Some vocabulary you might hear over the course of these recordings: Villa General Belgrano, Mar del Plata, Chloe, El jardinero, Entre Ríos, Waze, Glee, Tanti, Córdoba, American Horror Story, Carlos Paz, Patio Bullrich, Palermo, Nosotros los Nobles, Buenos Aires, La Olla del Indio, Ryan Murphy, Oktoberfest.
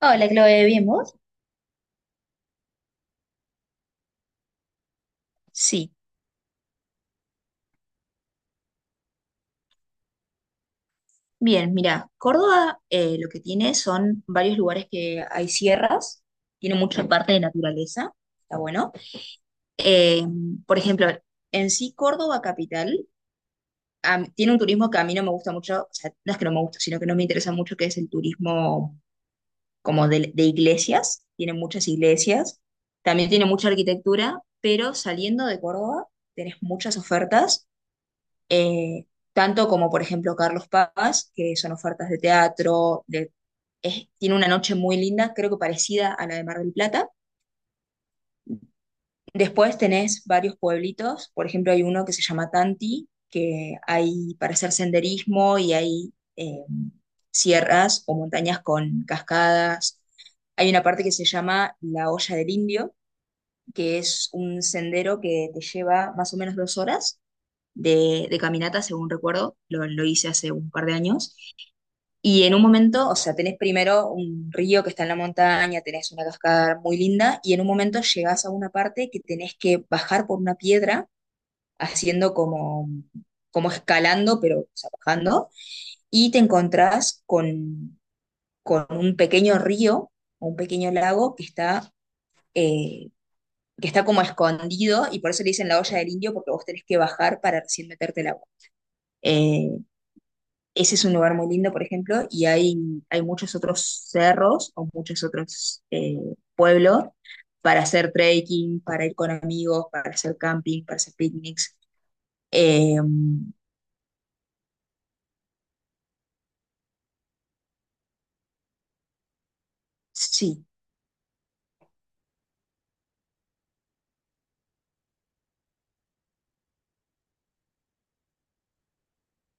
Hola, Chloe, ¿bien vos? Sí, bien, mira, Córdoba lo que tiene son varios lugares que hay sierras, tiene mucha parte de naturaleza, está bueno. Eh, por ejemplo, en sí Córdoba capital tiene un turismo que a mí no me gusta mucho, o sea, no es que no me gusta, sino que no me interesa mucho, que es el turismo como de iglesias, tiene muchas iglesias, también tiene mucha arquitectura, pero saliendo de Córdoba tenés muchas ofertas eh, tanto como por ejemplo Carlos Paz, que son ofertas de teatro, de, tiene una noche muy linda, creo que parecida a la de Mar del Plata. Después tenés varios pueblitos, por ejemplo hay uno que se llama Tanti, que hay para hacer senderismo y hay sierras o montañas con cascadas. Hay una parte que se llama La Olla del Indio, que es un sendero que te lleva más o menos dos horas de caminata, según recuerdo, lo hice hace un par de años. Y en un momento, o sea, tenés primero un río que está en la montaña, tenés una cascada muy linda, y en un momento llegás a una parte que tenés que bajar por una piedra, haciendo como, como escalando, pero o sea, bajando, y te encontrás con un pequeño río, un pequeño lago eh, que está como escondido, y por eso le dicen la olla del indio, porque vos tenés que bajar para recién meterte el agua. Eh, Ese es un lugar muy lindo, por ejemplo, y hay muchos otros cerros o muchos otros pueblos para hacer trekking, para ir con amigos, para hacer camping, para hacer picnics. Eh, sí,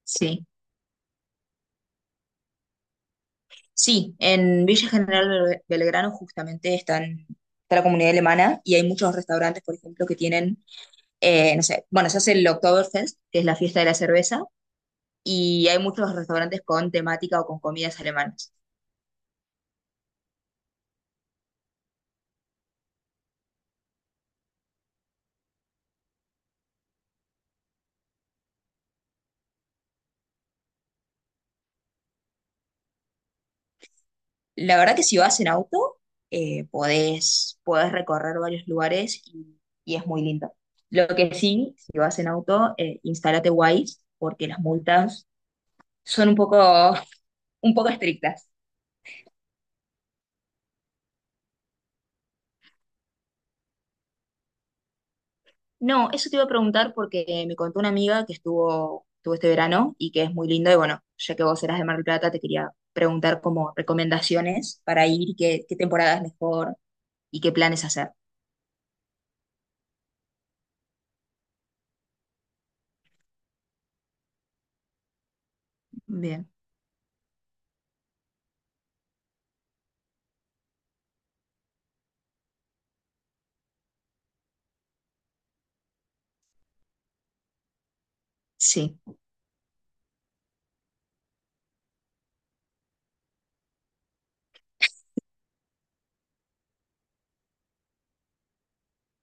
sí. Sí, en Villa General Belgrano justamente están, está la comunidad alemana y hay muchos restaurantes, por ejemplo, que tienen, no sé, bueno, se hace el Oktoberfest, que es la fiesta de la cerveza, y hay muchos restaurantes con temática o con comidas alemanas. La verdad que si vas en auto, podés, podés recorrer varios lugares y es muy lindo. Lo que sí, si vas en auto, instálate Waze porque las multas son un poco, un poco estrictas. No, eso te iba a preguntar porque me contó una amiga que estuvo, estuvo este verano y que es muy lindo y bueno, ya que vos eras de Mar del Plata, te quería preguntar como recomendaciones para ir, y qué, qué temporada es mejor y qué planes hacer. Bien, sí,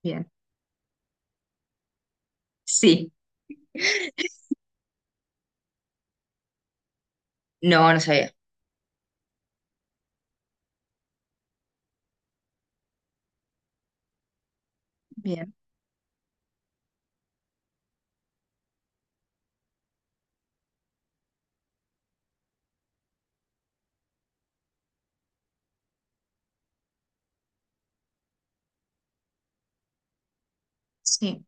bien. Sí, no, no sabía. Bien. Sí,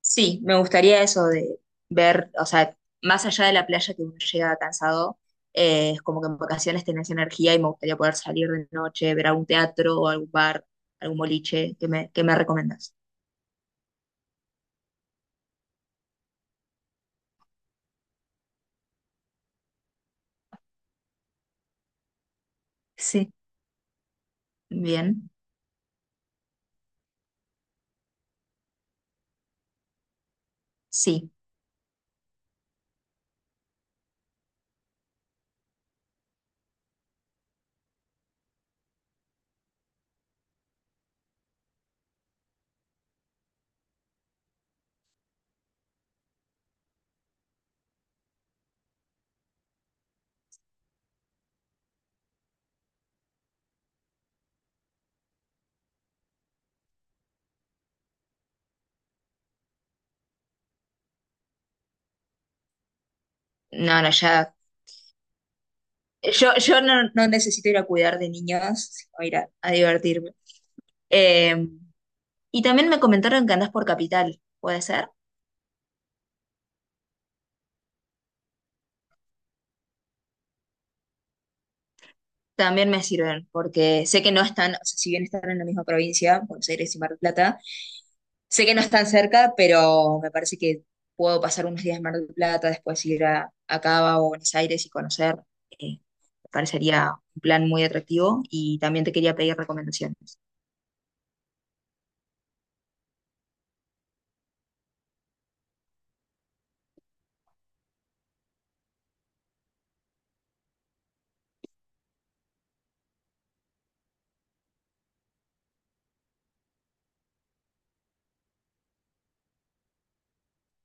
sí, me gustaría eso de ver, o sea, más allá de la playa que uno llega cansado, es como que en vacaciones tenés energía y me gustaría poder salir de noche, ver algún teatro o algún bar, algún boliche, qué me recomendás? Sí. Bien, sí. No, no, ya, yo no, no necesito ir a, cuidar de niños, sino ir a divertirme. Eh, y también me comentaron que andás por Capital, ¿puede ser? También me sirven, porque sé que no están, o sea, si bien están en la misma provincia, Buenos Aires y Mar del Plata, sé que no están cerca, pero me parece que puedo pasar unos días en Mar del Plata, después ir a Cava o Buenos Aires y conocer. eh, Me parecería un plan muy atractivo y también te quería pedir recomendaciones.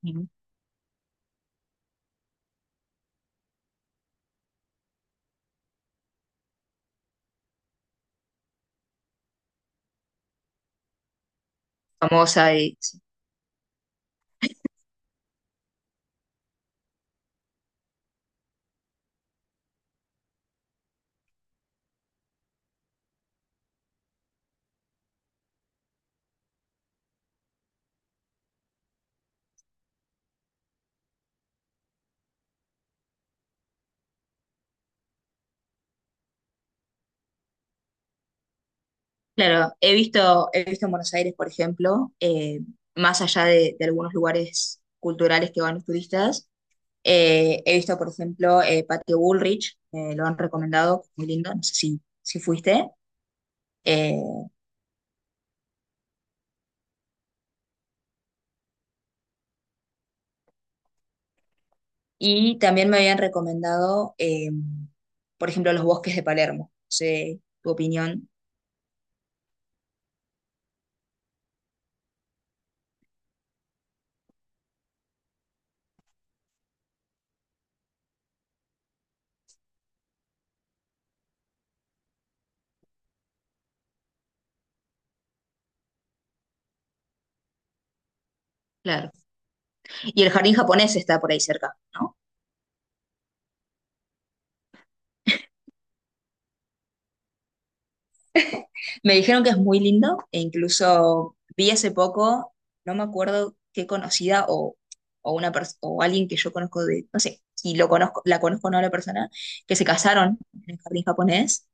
Ujú. Sí. Claro, he visto en Buenos Aires, por ejemplo, más allá de algunos lugares culturales que van los turistas. He visto, por ejemplo, Patio Bullrich, lo han recomendado, muy lindo, no sé si, si fuiste. Eh, y también me habían recomendado, por ejemplo, los bosques de Palermo. No sé tu opinión. Claro. Y el jardín japonés está por ahí cerca, ¿no? Me dijeron que es muy lindo e incluso vi hace poco, no me acuerdo qué conocida o una o alguien que yo conozco de, no sé, si lo conozco, la conozco o no a la persona, que se casaron en el jardín japonés.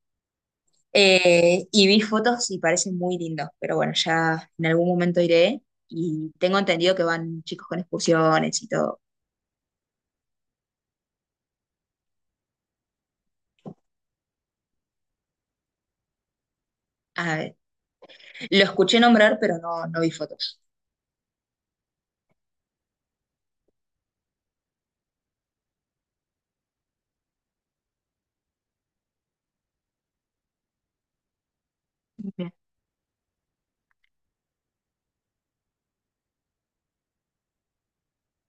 Y vi fotos y parece muy lindo, pero bueno, ya en algún momento iré y tengo entendido que van chicos con excursiones y todo. A ver, lo escuché nombrar, pero no, no vi fotos. Bien.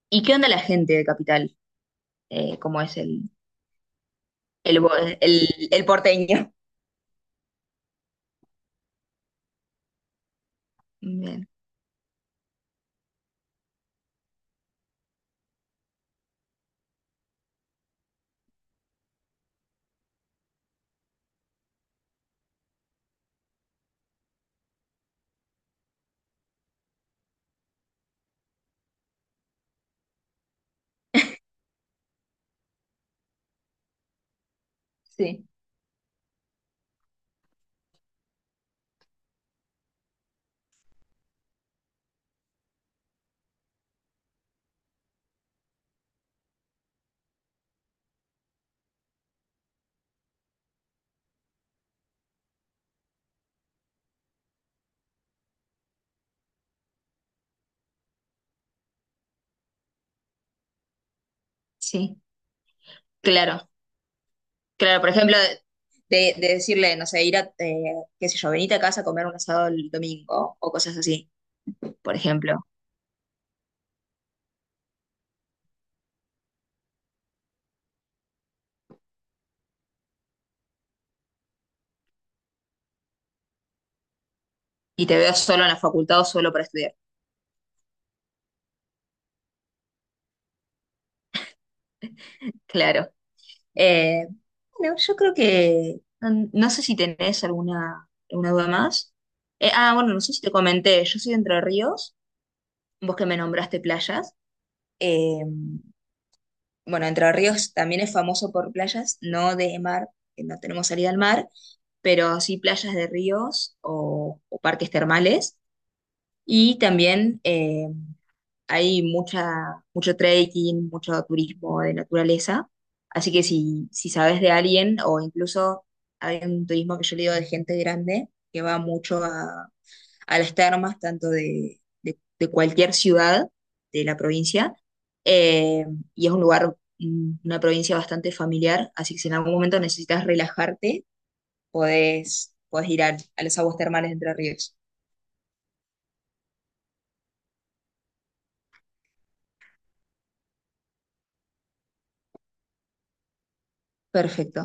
¿Y qué onda la gente de Capital? ¿Cómo es el, el porteño? Bien. Sí, sí, claro. Claro, por ejemplo, de decirle, no sé, ir a, qué sé yo, venite a casa a comer un asado el domingo o cosas así, por ejemplo. Y te veo solo en la facultad o solo para estudiar. Claro. Eh, bueno, yo creo que no, no sé si tenés alguna, alguna duda más. Ah, bueno, no sé si te comenté, yo soy de Entre Ríos, vos que me nombraste playas. Eh, bueno, Entre Ríos también es famoso por playas, no de mar, que no tenemos salida al mar, pero sí playas de ríos o parques termales. Y también hay mucha, mucho trekking, mucho turismo de naturaleza. Así que si, si sabes de alguien, o incluso hay un turismo que yo le digo de gente grande, que va mucho a las termas, tanto de, de cualquier ciudad de la provincia, eh, y es un lugar, mm, una provincia bastante familiar, así que si en algún momento necesitas relajarte, podés, podés ir a, las aguas termales de Entre Ríos. Perfecto.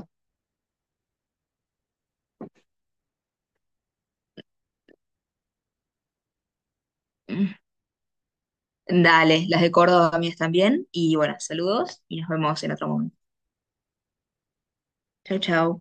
Dale, las de Córdoba mías también. Y bueno, saludos y nos vemos en otro momento. Chau, chau.